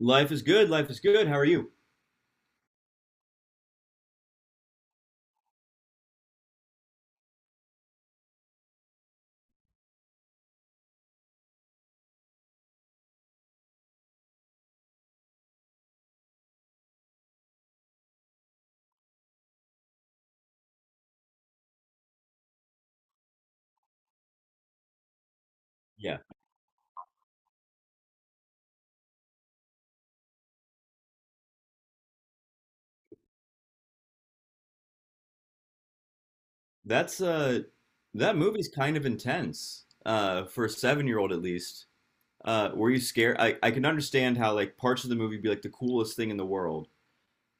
Life is good. Life is good. How are you? Yeah, that's uh, that movie's kind of intense for a 7-year-old at least. Were you scared? I can understand how like parts of the movie be like the coolest thing in the world.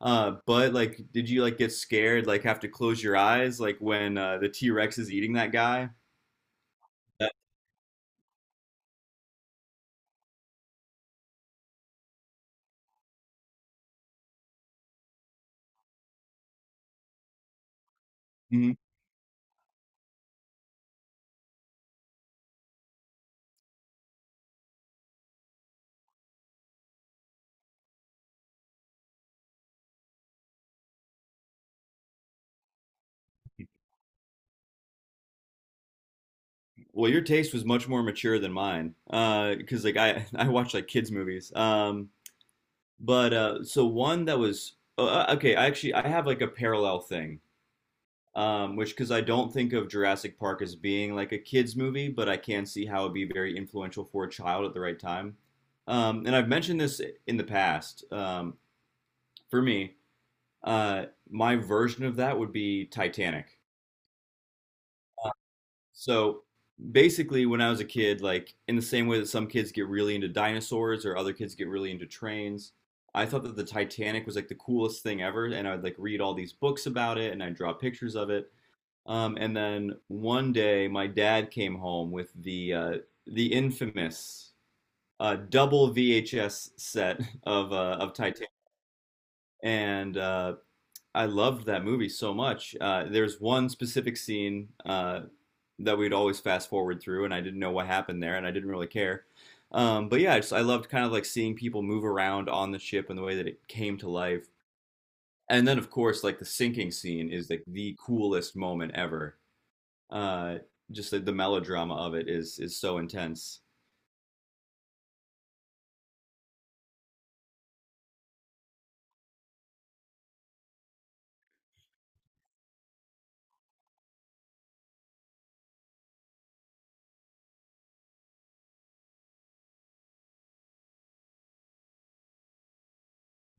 But like, did you like get scared? Like, have to close your eyes like when the T-Rex is eating that guy? That- mhm. Well, your taste was much more mature than mine. Because like I I watch like kids movies. But so one that was okay. I actually I have like a parallel thing. Which because I don't think of Jurassic Park as being like a kids movie, but I can see how it'd be very influential for a child at the right time. And I've mentioned this in the past. For me, my version of that would be Titanic. So basically, when I was a kid, like in the same way that some kids get really into dinosaurs or other kids get really into trains, I thought that the Titanic was like the coolest thing ever, and I'd like read all these books about it and I'd draw pictures of it. And then one day, my dad came home with the infamous double VHS set of Titanic, and I loved that movie so much. There's one specific scene that we'd always fast forward through, and I didn't know what happened there, and I didn't really care. But yeah, I just I loved kind of like seeing people move around on the ship and the way that it came to life. And then, of course, like the sinking scene is like the coolest moment ever. Uh, just the melodrama of it is so intense.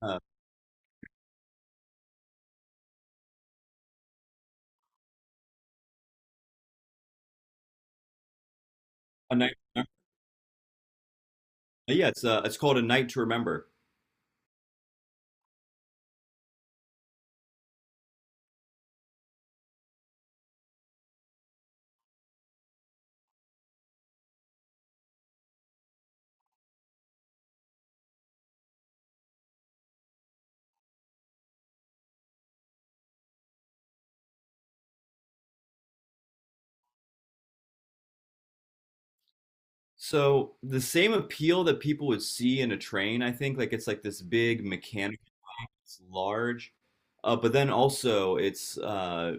Uh, a night, yeah, it's called A Night to Remember. So the same appeal that people would see in a train, I think, like it's like this big mechanical, it's large, but then also it's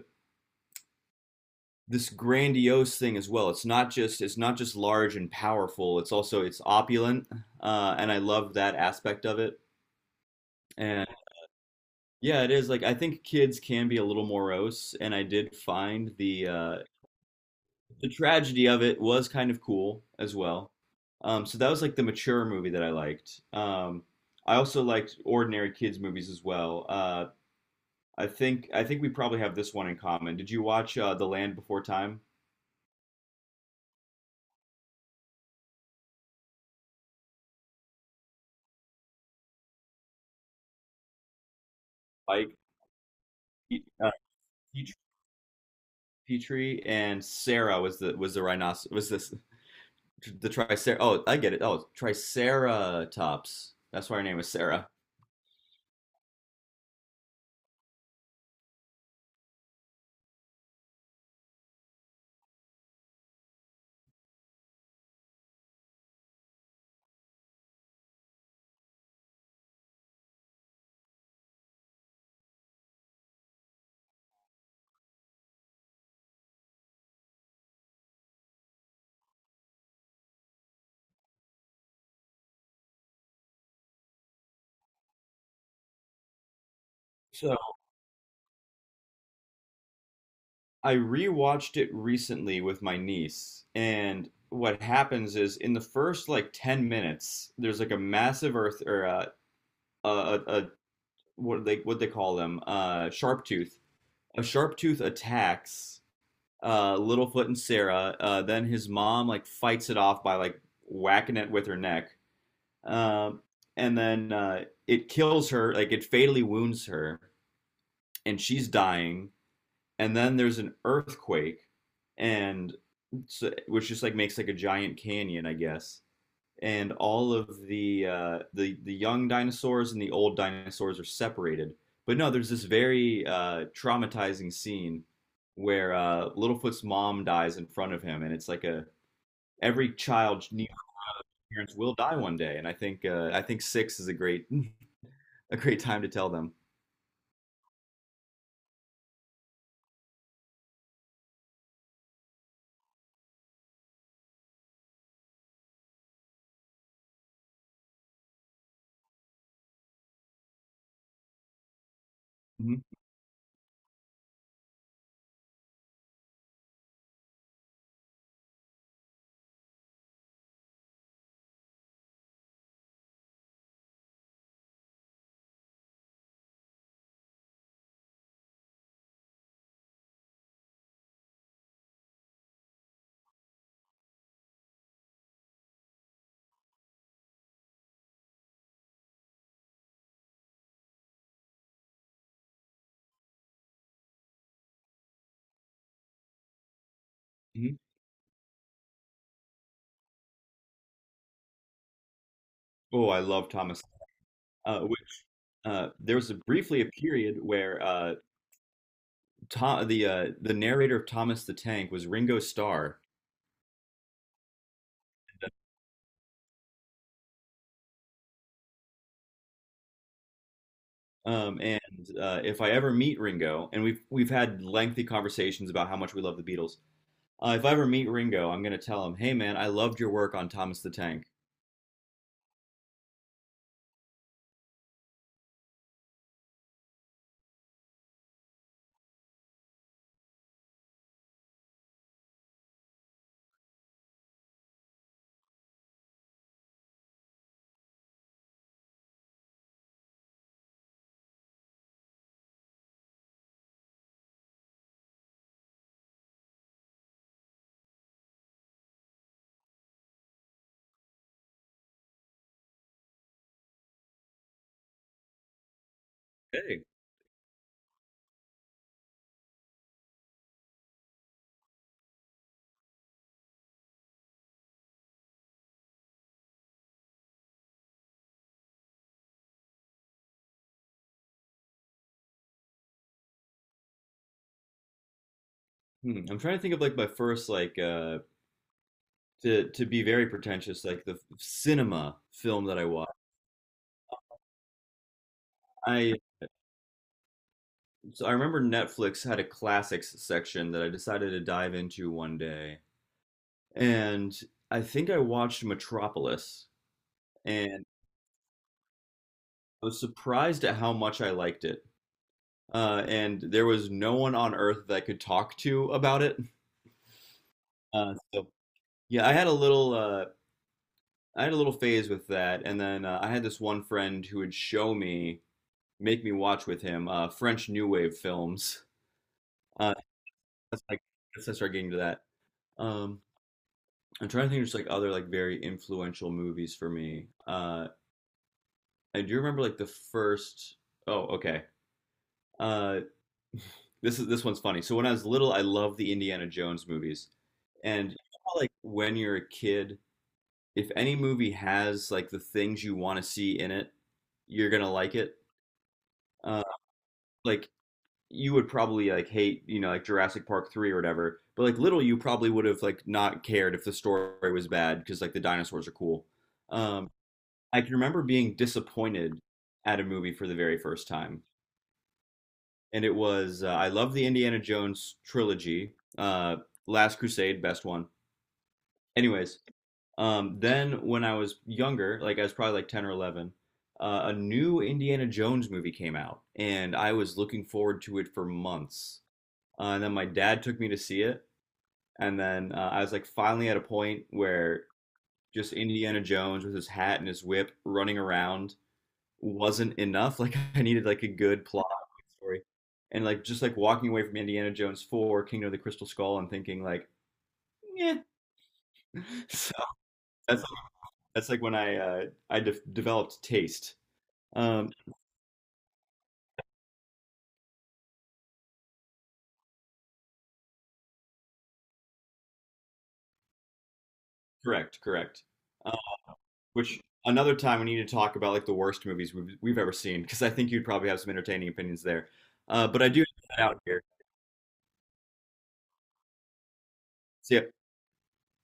this grandiose thing as well. It's not just large and powerful. It's also it's opulent, and I love that aspect of it. And yeah, it is like I think kids can be a little morose, and I did find the tragedy of it was kind of cool as well. So that was like the mature movie that I liked. I also liked ordinary kids movies as well. I think we probably have this one in common. Did you watch The Land Before Time? Like uh, Petrie, Petrie and Sarah was the rhinoceros was this the tricer? Oh, I get it. Oh, Triceratops. That's why her name was Sarah. So I rewatched it recently with my niece, and what happens is in the first like 10 minutes, there's like a massive earth or a what they call them, sharp tooth. A sharp tooth attacks Littlefoot and Sarah. Then his mom like fights it off by like whacking it with her neck. Um and then it kills her, like it fatally wounds her, and she's dying. And then there's an earthquake, and so, which just like makes like a giant canyon, I guess. And all of the young dinosaurs and the old dinosaurs are separated. But no, there's this very traumatizing scene where Littlefoot's mom dies in front of him, and it's like a every child Neo's parents will die one day, and I think 6 is a great a great time to tell them. Hmm. Hmm. Oh, I love Thomas. Which there was briefly a period where Tom, the narrator of Thomas the Tank was Ringo Starr. And if I ever meet Ringo, and we've had lengthy conversations about how much we love the Beatles. If I ever meet Ringo, I'm gonna tell him, "Hey man, I loved your work on Thomas the Tank." Hey. I'm trying to think of like my first like to be very pretentious like the cinema film that I watched. I so I remember Netflix had a classics section that I decided to dive into one day, and I think I watched Metropolis, and I was surprised at how much I liked it. And there was no one on earth that I could talk to about it. So yeah, I had a little I had a little phase with that, and then I had this one friend who would show me, make me watch with him, French New Wave films. Uh, that's like that's I started getting to that. Um, I'm trying to think of just like other like very influential movies for me. I do remember like the first. Oh, okay. Uh, this one's funny. So when I was little, I loved the Indiana Jones movies. And you know how, like when you're a kid, if any movie has like the things you want to see in it, you're gonna like it. Uh, like you would probably like hate, like Jurassic Park 3 or whatever. But like little you probably would have like not cared if the story was bad because like the dinosaurs are cool. Um, I can remember being disappointed at a movie for the very first time. And it was I love the Indiana Jones trilogy. Last Crusade, best one. Anyways, then when I was younger, like I was probably like 10 or 11, a new Indiana Jones movie came out, and I was looking forward to it for months. And then my dad took me to see it, and then I was like finally at a point where just Indiana Jones with his hat and his whip running around wasn't enough. Like I needed like a good plot story. And like just like walking away from Indiana Jones 4, Kingdom of the Crystal Skull and thinking like, yeah. So that's that's like when I developed taste. Um correct, correct. Um, which Another time we need to talk about like the worst movies we've ever seen because I think you'd probably have some entertaining opinions there. But I do have that out here. So yeah,